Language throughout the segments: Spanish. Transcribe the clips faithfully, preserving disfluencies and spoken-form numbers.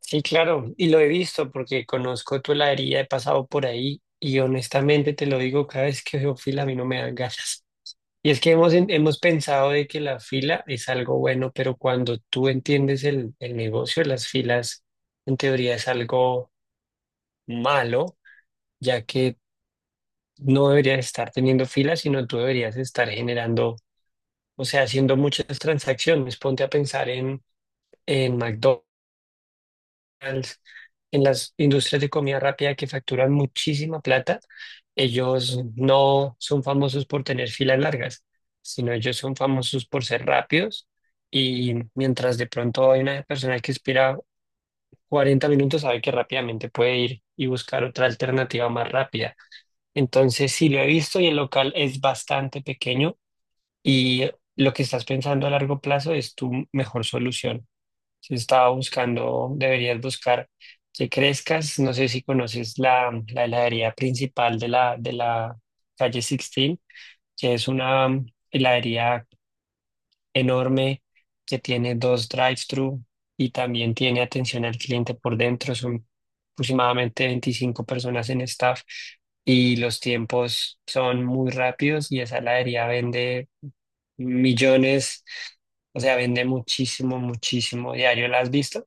Sí, claro, y lo he visto porque conozco tu heladería, he pasado por ahí y honestamente te lo digo, cada vez que veo fila a mí no me dan ganas. Y es que hemos, en- hemos pensado de que la fila es algo bueno, pero cuando tú entiendes el, el negocio de las filas, en teoría es algo malo, ya que no deberías estar teniendo filas, sino tú deberías estar generando, o sea, haciendo muchas transacciones. Ponte a pensar en, en McDonald's en las industrias de comida rápida que facturan muchísima plata, ellos no son famosos por tener filas largas, sino ellos son famosos por ser rápidos y mientras de pronto hay una persona que espera cuarenta minutos, sabe que rápidamente puede ir y buscar otra alternativa más rápida. Entonces, sí lo he visto y el local es bastante pequeño y lo que estás pensando a largo plazo es tu mejor solución. Si estaba buscando, deberías buscar que crezcas. No sé si conoces la, la heladería principal de la, de la calle dieciséis, que es una heladería enorme que tiene dos drive-thru y también tiene atención al cliente por dentro. Son aproximadamente veinticinco personas en staff y los tiempos son muy rápidos y esa heladería vende millones, o sea, vende muchísimo, muchísimo diario. ¿La has visto?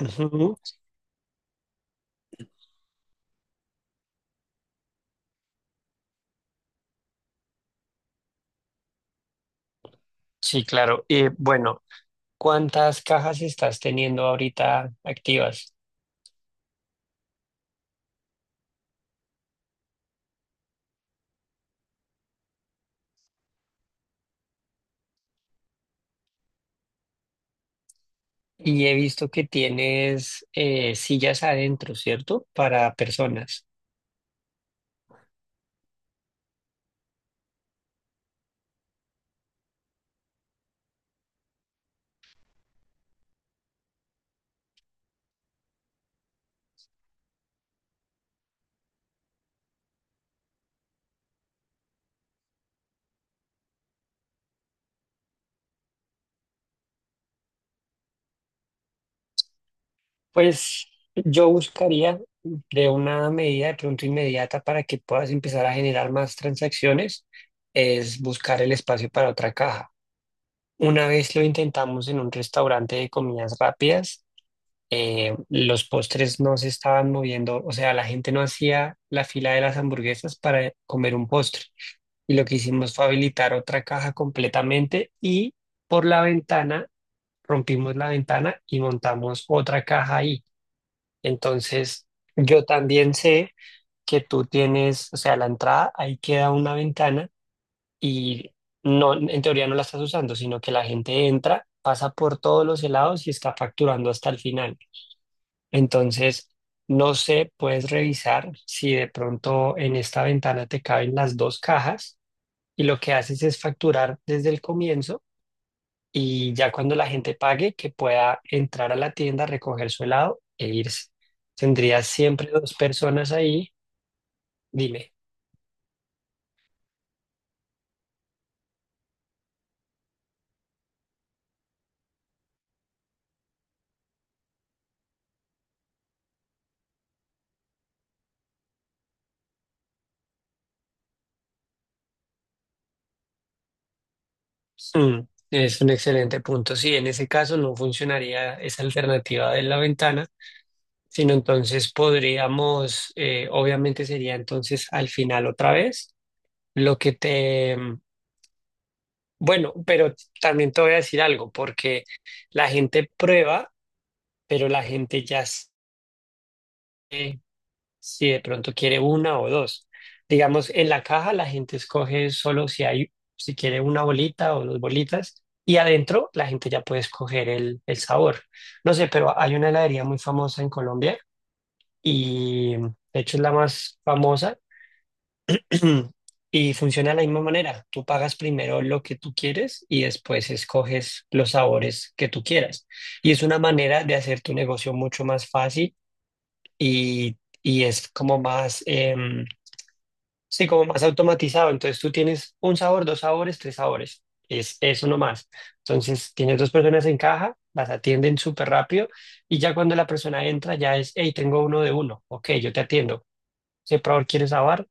Sí, claro. Eh, bueno, ¿cuántas cajas estás teniendo ahorita activas? Y he visto que tienes eh, sillas adentro, ¿cierto? Para personas. Pues yo buscaría de una medida de pronto inmediata para que puedas empezar a generar más transacciones, es buscar el espacio para otra caja. Una vez lo intentamos en un restaurante de comidas rápidas. Eh, los postres no se estaban moviendo, o sea, la gente no hacía la fila de las hamburguesas para comer un postre. Y lo que hicimos fue habilitar otra caja completamente y por la ventana, rompimos la ventana y montamos otra caja ahí. Entonces, yo también sé que tú tienes, o sea, la entrada, ahí queda una ventana y no, en teoría no la estás usando, sino que la gente entra, pasa por todos los helados y está facturando hasta el final. Entonces, no sé, puedes revisar si de pronto en esta ventana te caben las dos cajas y lo que haces es facturar desde el comienzo y ya cuando la gente pague, que pueda entrar a la tienda, recoger su helado e irse. Tendrías siempre dos personas ahí. Dime. Mm, es un excelente punto. Sí, en ese caso no funcionaría esa alternativa de la ventana, sino entonces podríamos, eh, obviamente sería entonces al final otra vez. Lo que te... mm, bueno, pero también te voy a decir algo, porque la gente prueba, pero la gente ya sabe si de pronto quiere una o dos. Digamos, en la caja la gente escoge solo si hay, si quiere una bolita o dos bolitas, y adentro la gente ya puede escoger el, el sabor. No sé, pero hay una heladería muy famosa en Colombia y de hecho es la más famosa. Y funciona de la misma manera. Tú pagas primero lo que tú quieres y después escoges los sabores que tú quieras. Y es una manera de hacer tu negocio mucho más fácil y, y es como más, em, sí, como más automatizado. Entonces tú tienes un sabor, dos sabores, tres sabores. Es, es uno más. Entonces tienes dos personas en caja, las atienden súper rápido y ya cuando la persona entra ya es, hey, tengo uno de uno. Ok, yo te atiendo. ¿Qué sabor quieres sabor?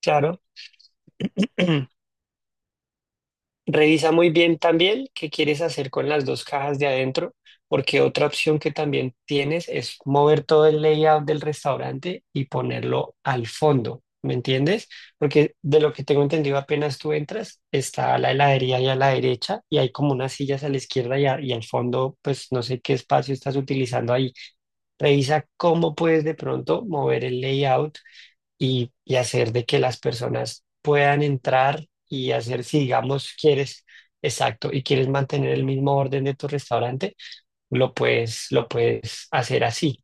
Claro. Revisa muy bien también qué quieres hacer con las dos cajas de adentro, porque otra opción que también tienes es mover todo el layout del restaurante y ponerlo al fondo, ¿me entiendes? Porque de lo que tengo entendido, apenas tú entras, está la heladería ahí a la derecha y hay como unas sillas a la izquierda y, a- y al fondo, pues no sé qué espacio estás utilizando ahí. Revisa cómo puedes de pronto mover el layout y, y hacer de que las personas puedan entrar y hacer, si digamos quieres, exacto, y quieres mantener el mismo orden de tu restaurante, lo puedes, lo puedes hacer así.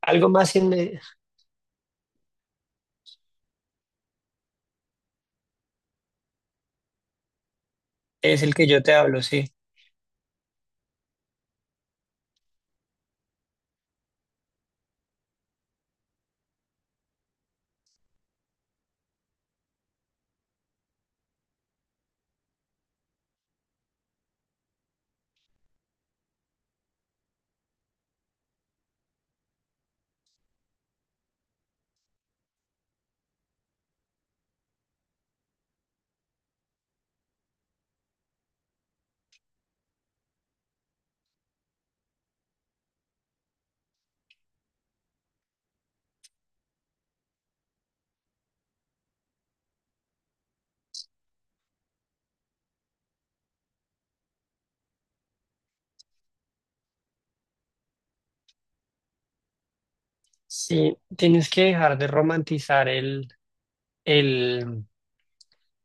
Algo más en me- Es el que yo te hablo, sí. Sí, tienes que dejar de romantizar el, el,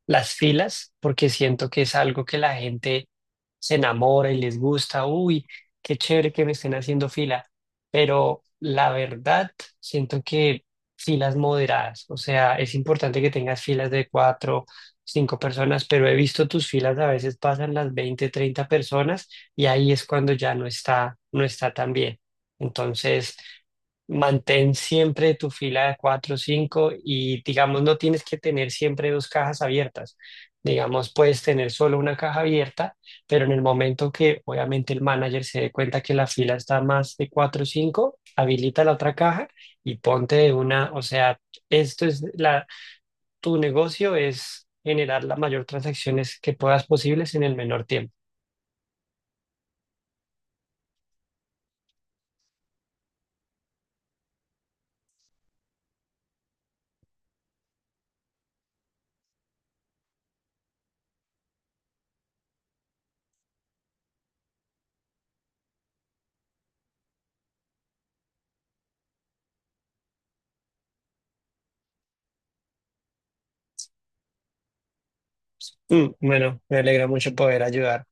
las filas, porque siento que es algo que la gente se enamora y les gusta. Uy, qué chévere que me estén haciendo fila. Pero la verdad, siento que filas moderadas, o sea, es importante que tengas filas de cuatro, cinco personas, pero he visto tus filas a veces pasan las veinte treinta personas y ahí es cuando ya no está, no está tan bien. Entonces, mantén siempre tu fila de cuatro o cinco y digamos no tienes que tener siempre dos cajas abiertas. Digamos, puedes tener solo una caja abierta, pero en el momento que obviamente el manager se dé cuenta que la fila está más de cuatro o cinco, habilita la otra caja y ponte de una, o sea, esto es la, tu negocio es generar las mayor transacciones que puedas posibles en el menor tiempo. Mm, bueno, me alegra mucho poder ayudar.